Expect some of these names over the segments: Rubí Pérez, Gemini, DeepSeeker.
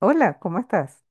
Hola, ¿cómo estás?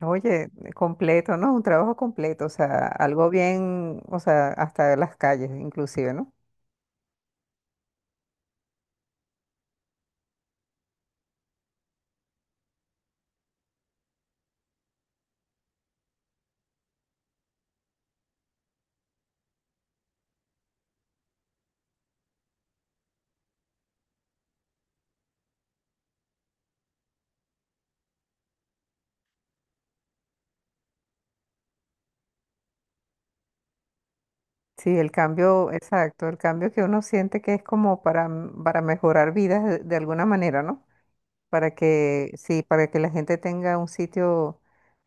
Oye, completo, ¿no? Un trabajo completo, o sea, algo bien, o sea, hasta las calles inclusive, ¿no? Sí, el cambio, exacto, el cambio que uno siente que es como para, para mejorar vidas de alguna manera, ¿no? Para que, sí, para que la gente tenga un sitio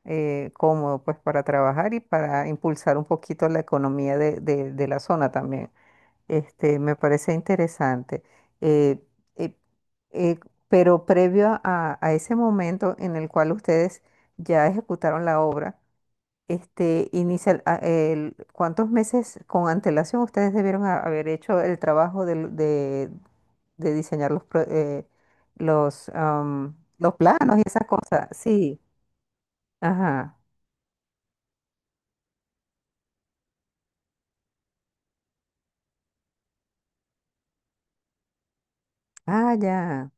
cómodo, pues, para trabajar y para impulsar un poquito la economía de la zona también. Este, me parece interesante. Eh, eh, eh, pero previo a ese momento en el cual ustedes ya ejecutaron la obra, este, ¿cuántos meses con antelación ustedes debieron haber hecho el trabajo de diseñar los, pro- los, am, los planos y esas cosas? Sí, ajá. Ah, ya,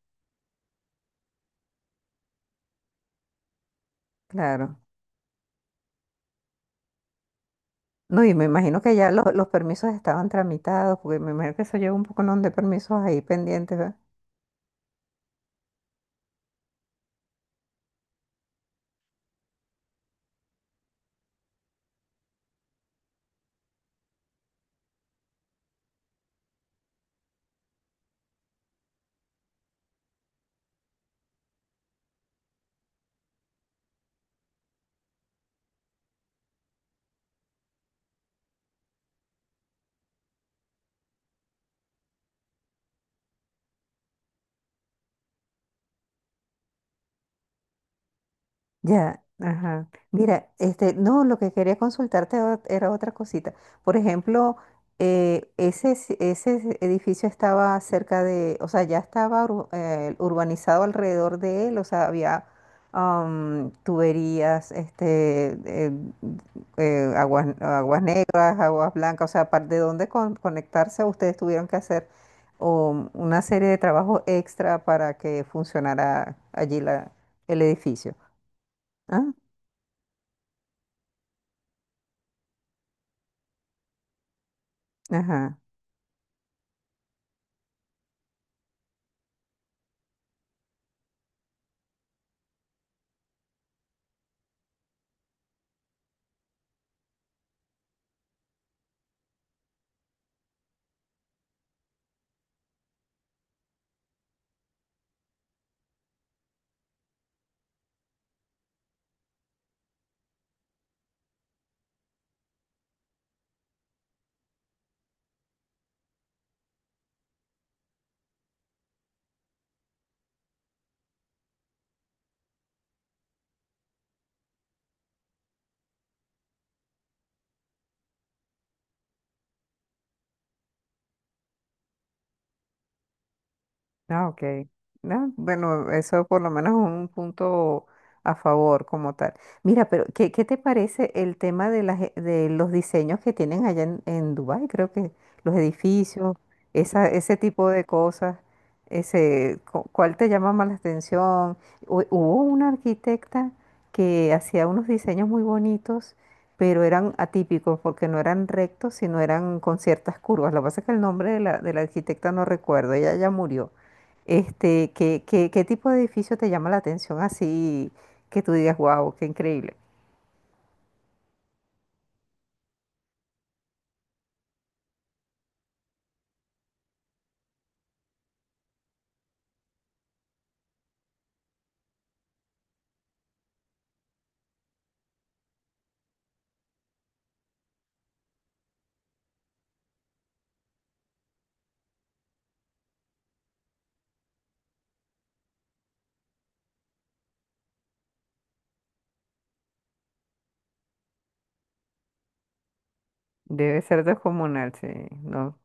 claro. No, y me imagino que ya los permisos estaban tramitados, porque me imagino que eso lleva un poco, ¿no?, de permisos ahí pendientes, ¿verdad? Ya, ajá. Mira, este, no, lo que quería consultarte era otra cosita. Por ejemplo, edificio estaba cerca de, o sea, ya urbanizado alrededor de él, o sea, había tuberías, aguas negras, aguas blancas, o sea, de dónde conectarse, ustedes tuvieron que hacer o una serie de trabajos extra para que funcionara allí el edificio. Ah, ajá. Ah, ok. Ah, bueno, eso por lo menos es un punto a favor como tal. Mira, pero ¿qué, qué te parece el tema de, de los diseños que tienen allá en Dubái? Creo que los edificios, ese tipo de cosas, ¿cuál te llama más la atención? Hubo una arquitecta que hacía unos diseños muy bonitos, pero eran atípicos porque no eran rectos, sino eran con ciertas curvas. Lo que pasa es que el nombre de la arquitecta no recuerdo, ella ya murió. Este, qué tipo de edificio te llama la atención así que tú digas, wow, qué increíble? Debe ser descomunal, sí, ¿no?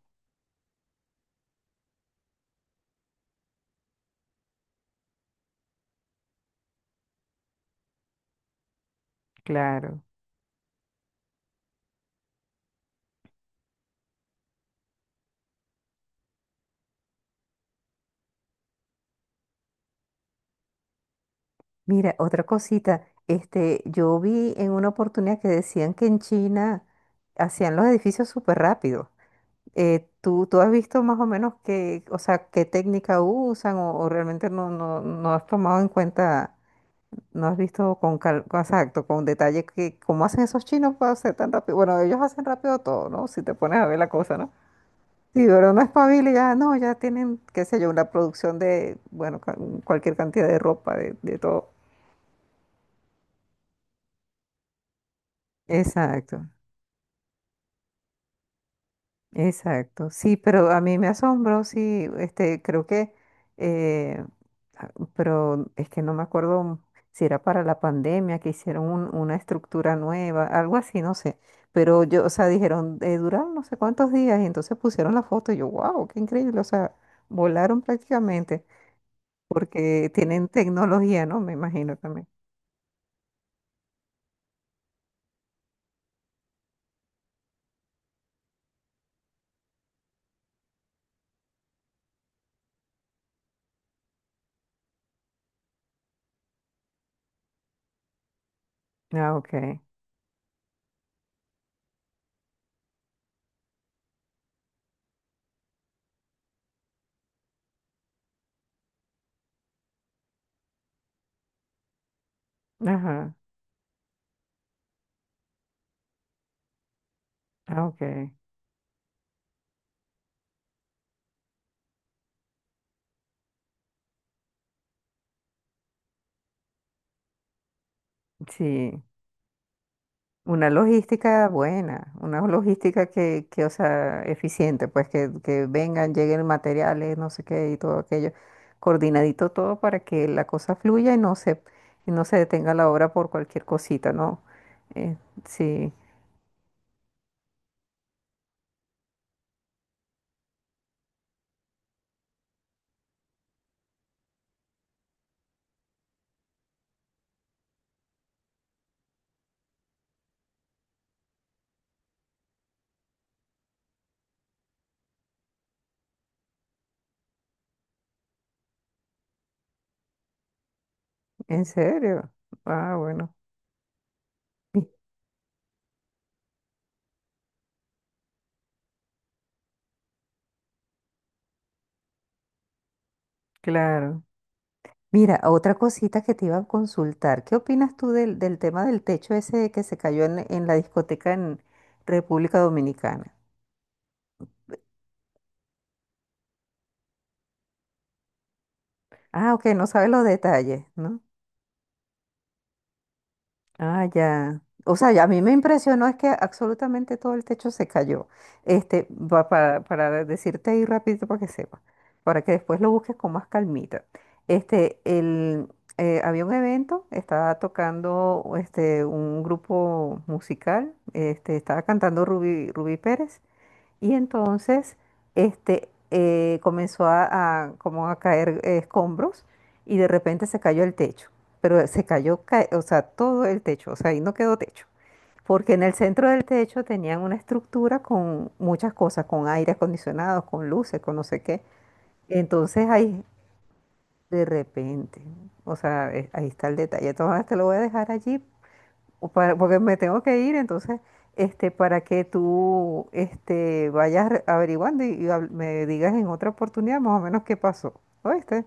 Claro. Mira, otra cosita, este, yo vi en una oportunidad que decían que en China hacían los edificios súper rápido. Tú has visto más o menos qué, o sea, qué técnica usan o realmente no has tomado en cuenta? No has visto con calma, exacto, con detalle, que cómo hacen esos chinos para hacer tan rápido. Bueno, ellos hacen rápido todo, ¿no? Si te pones a ver la cosa, ¿no? Sí, pero no espabila, y ya, no, ya tienen, qué sé yo, una producción de, bueno, cualquier cantidad de ropa, de todo. Exacto. Exacto, sí, pero a mí me asombró, sí, este, creo que, eh, pero es que no me acuerdo si era para la pandemia que hicieron una estructura nueva, algo así, no sé, pero yo, o sea, dijeron, duraron no sé cuántos días y entonces pusieron la foto y yo, wow, qué increíble, o sea, volaron prácticamente porque tienen tecnología, ¿no? Me imagino también. Ah, ok, ajá, ah, ok, sí. Una logística buena, una logística que, o sea, eficiente, pues que vengan, lleguen materiales, no sé qué y todo aquello, coordinadito todo para que la cosa fluya y no se detenga la obra por cualquier cosita, ¿no? Eh, sí, en serio. Ah, bueno, mi- claro. Mira, otra cosita que te iba a consultar, ¿qué opinas tú del, del tema del techo ese que se cayó en la discoteca en República Dominicana? Ah, ok, no sabes los detalles, ¿no? Ah, ya. O sea, ya a mí me impresionó es que absolutamente todo el techo se cayó. Este, va para decirte ahí rápido para que sepas, para que después lo busques con más calmita. Este, el, había un evento, estaba tocando este, un grupo musical, este, estaba cantando Rubí, Rubí Pérez y entonces este, comenzó a, como a caer escombros y de repente se cayó el techo. Pero se cayó, o sea, todo el techo, o sea, ahí no quedó techo. Porque en el centro del techo tenían una estructura con muchas cosas, con aire acondicionado, con luces, con no sé qué. Entonces ahí, de repente, o sea, ahí está el detalle. Entonces te lo voy a dejar allí o porque me tengo que ir, entonces, este, para que tú, este, averiguando y me digas en otra oportunidad más o menos qué pasó, ¿oíste?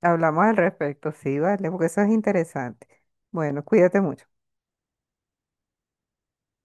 Hablamos al respecto, sí, vale, porque eso es interesante. Bueno, cuídate mucho.